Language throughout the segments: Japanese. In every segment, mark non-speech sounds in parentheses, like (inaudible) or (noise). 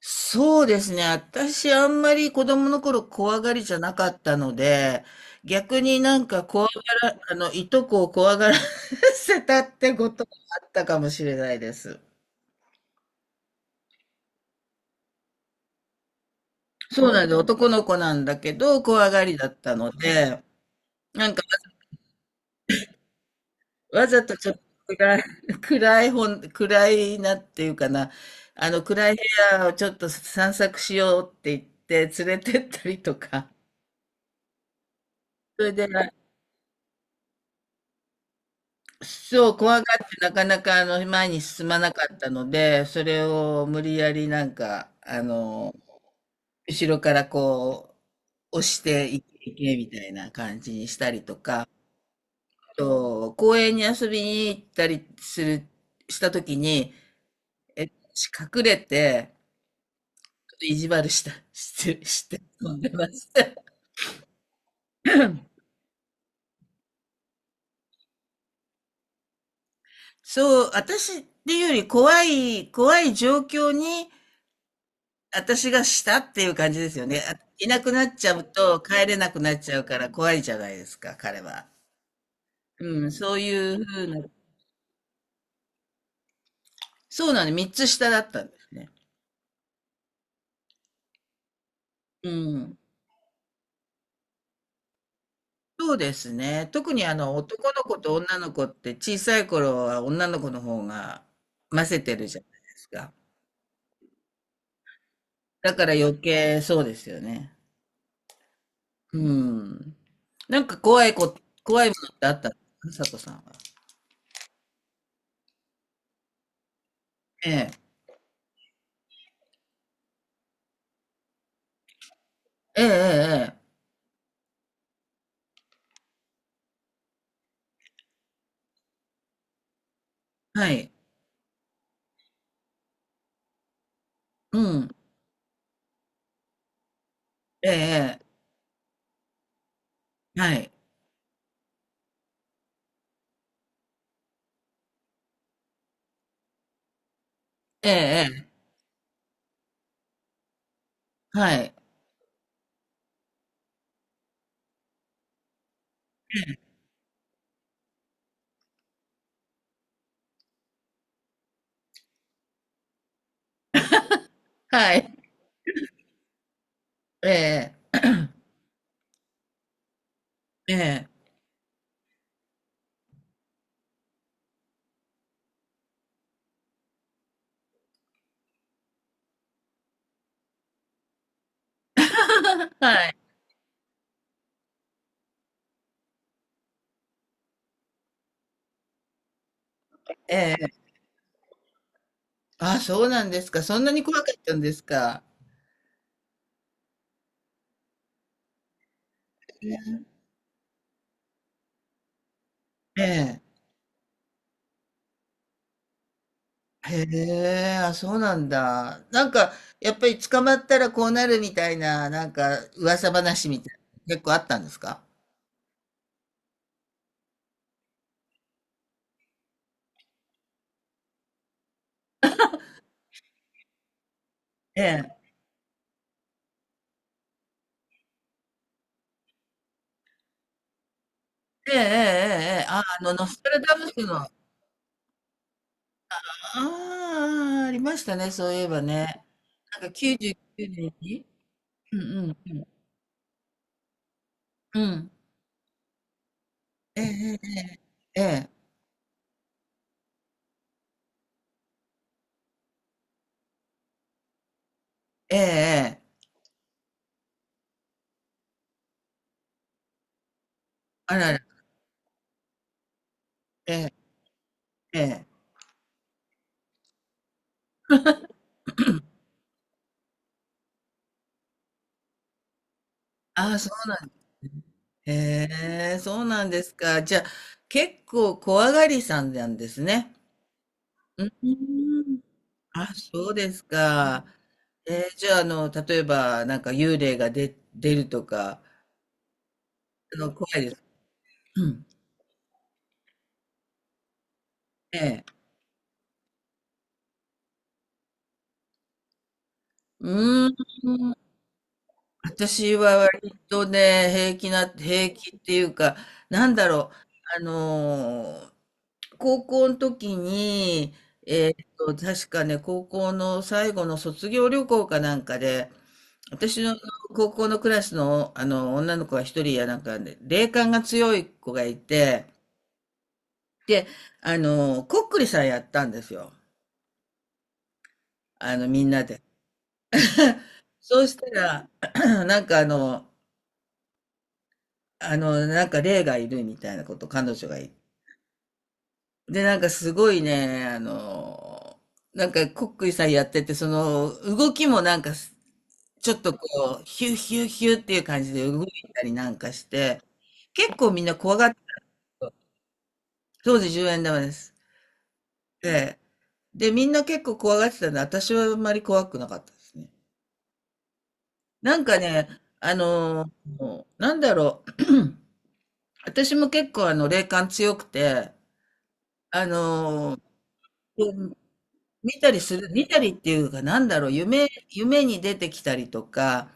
そうですね。私、あんまり子供の頃怖がりじゃなかったので、逆になんか怖がら、あの、いとこを怖がら (laughs) せたってことがあったかもしれないです。そうなんです。男の子なんだけど、怖がりだったので、なんかわざとちょっと暗い、(laughs) 暗い本、暗いなっていうかな、暗い部屋をちょっと散策しようって言って連れてったりとか、それで、そう、怖がってなかなか前に進まなかったので、それを無理やりなんか、後ろからこう、押していけ、いけみたいな感じにしたりとか、あと、公園に遊びに行ったりする、したときに、隠れて、ちょっと意地悪して飛んでました。(laughs) そう、私っていうより怖い、怖い状況に、私がしたっていう感じですよね。いなくなっちゃうと帰れなくなっちゃうから怖いじゃないですか、彼は。うん、そういうふうな、そうなの、3つ下だったんですね。うん。そうですね。特にあの男の子と女の子って小さい頃は女の子の方が混ぜてるじゃないですか。だから余計そうですよね。うん。なんか怖いことってあったんですか佐藤さんは。ええ。ええええええ。はい。うん。ええええ。はい。ええええ、はい。はい。ええ、ええ。(laughs) はい。ええ。あ、そうなんですか。そんなに怖かったんですか。ええ。へえ、あ、そうなんだ。なんか、やっぱり捕まったらこうなるみたいな、なんか、噂話みたいな、結構あったんですか。ええ。ええ、ええ、ええ。あ、ノストラダムスの、ああ、ありましたね、そういえばね。なんか99年に。うんうんうん。うん。ええ、ええ、ええ。ええええええ。あらら。ええ、ええ。ああ、そうなんですね。へえ、そうなんですか。じゃあ、結構怖がりさんなんですね。うーん。あ、そうですか。えー、じゃあ、例えば、なんか幽霊がで出るとか、怖いです。うん。ええ。うーん。私は割とね、平気っていうか、なんだろう。あのー高校の時に、確かね、高校の最後の卒業旅行かなんかで、私の高校のクラスの、あの女の子が一人やなんかで霊感が強い子がいて、で、こっくりさんやったんですよ。あの、みんなで。そうしたら、(clears throat) なんかあの、なんか霊がいるみたいなこと、彼女が言って。で、なんかすごいね、なんか、こっくりさんやってて、その、動きもなんか、ちょっとこう、ヒューヒューヒューっていう感じで動いたりなんかして、結構みんな怖がって、当時10円玉です。で、で、みんな結構怖がってたんで、私はあんまり怖くなかったですね。なんかね、あのなんだろう、(clears throat) 私も結構霊感強くて、あのーうん、見たりっていうか、なんだろう、夢に出てきたりとか、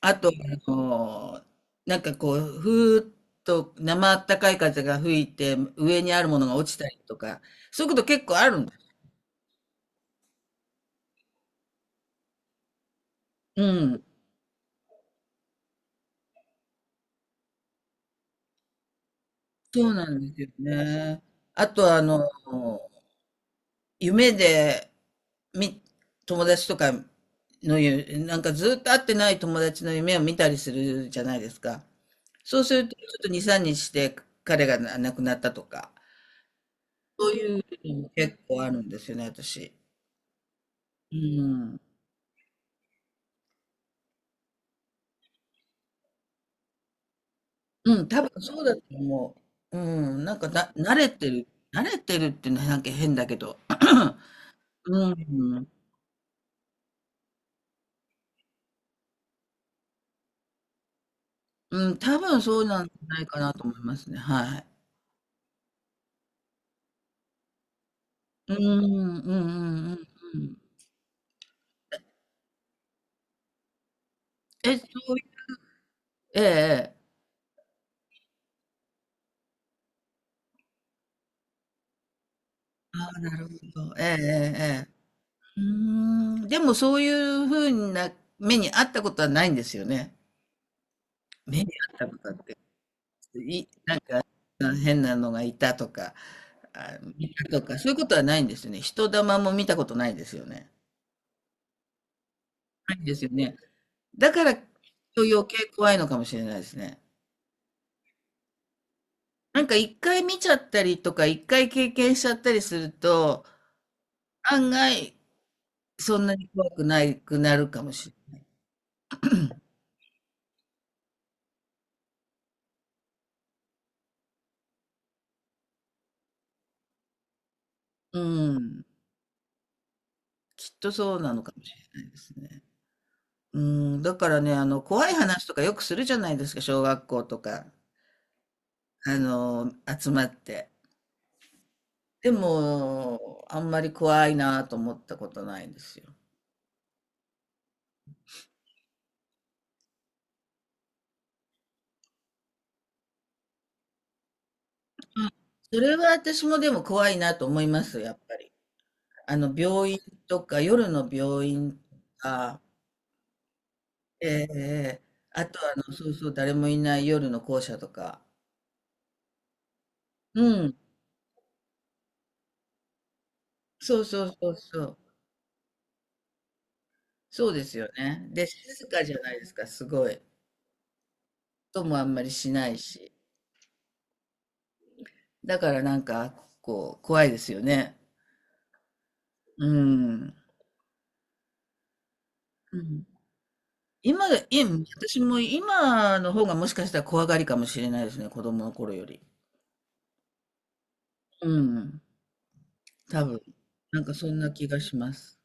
あと、なんかこう、ふーっと生あったかい風が吹いて、上にあるものが落ちたりとか、そういうこと結構あるんです。うん。そうなんですよね。あと、夢で、み、友達とかの夢、なんかずっと会ってない友達の夢を見たりするじゃないですか。そうすると、ちょっと2、3日して彼が亡くなったとか、そういうのも結構あるんですよね、私。うん。うん、多分そうだと思う。うん、なんかだ、慣れてる、慣れてるってなんか変だけど、(clears throat) うん、うん、多分そうなんじゃないかなと思いますね、はい。うん、うん、うん、うん、うん。え、そういええ、ええ。ああ、なるほど。ええ、ええ、ええ。うーん、でもそういう風な目にあったことはないんですよね。目にあったことって、なんか変なのがいたとか、あ、見たとか、そういうことはないんですよね。人玉も見たことないですよね。ないんですよね。だから、きっと余計怖いのかもしれないですね。なんか1回見ちゃったりとか、1回経験しちゃったりすると、案外そんなに怖くないくなるかもしれない (laughs) (clears throat) うん、きっとそうなのかもしれないですね。うん、だからね、怖い話とかよくするじゃないですか、小学校とか、あの、集まって。でも、あんまり怖いなと思ったことないんですよ。それは私もでも怖いなと思います、やっぱり。病院とか、夜の病院とか、ええええ、あとそうそう、誰もいない夜の校舎とか。うん、そうそうそうそう。そうですよね。で、静かじゃないですか、すごい。音もあんまりしないし。だからなんか、こう、怖いですよね。うん。うん。今が、い私も今の方がもしかしたら怖がりかもしれないですね、子供の頃より。うん、多分。なんかそんな気がします。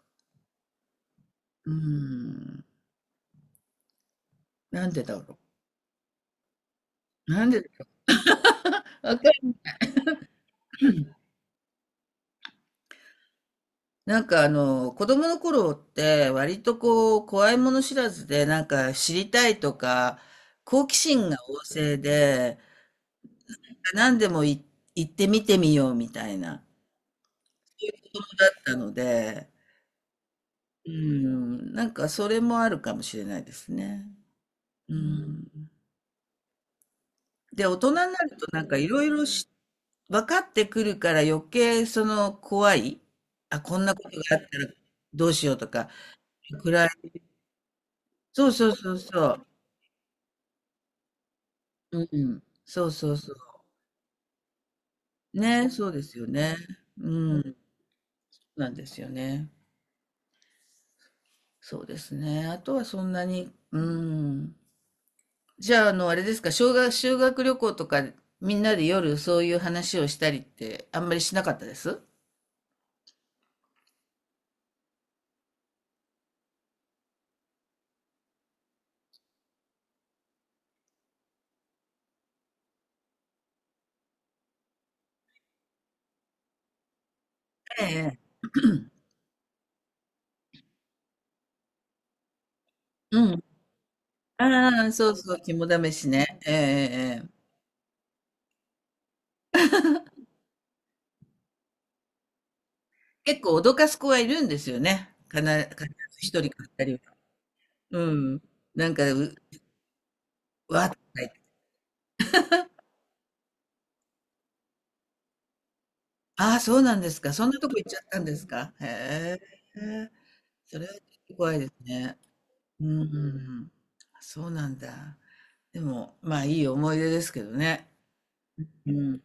うーん。なんでだろう。なんで、わかる。 (clears throat) 子供の頃って割とこう、怖いもの知らずで、なんか知りたいとか、好奇心が旺盛で、何でもい行ってみてみようみたいな、そういう子供だったので、うん、なんかそれもあるかもしれないですね。うん。で、大人になるとなんかいろいろし分かってくるから余計その怖い。あ、こんなことがあったらどうしようとか、暗い。そうそうそうそう。うん。そうそうそう。ね、そうですよね。うん。なんですよね。そうですね。あとはそんなに、うん。じゃあ、あれですか、修学旅行とか、みんなで夜そういう話をしたりって、あんまりしなかったですええ。うん。ああ、そうそう、肝試しね。ええええ。ええ。結構脅かす子はいるんですよね。かな、必ず一人か二人は。うん。なんか、う、わーって書いて。ああ、そうなんですか。そんなとこ行っちゃったんですか。へえ。それはちょっと怖いですね。うん。そうなんだ。でも、まあいい思い出ですけどね。うん。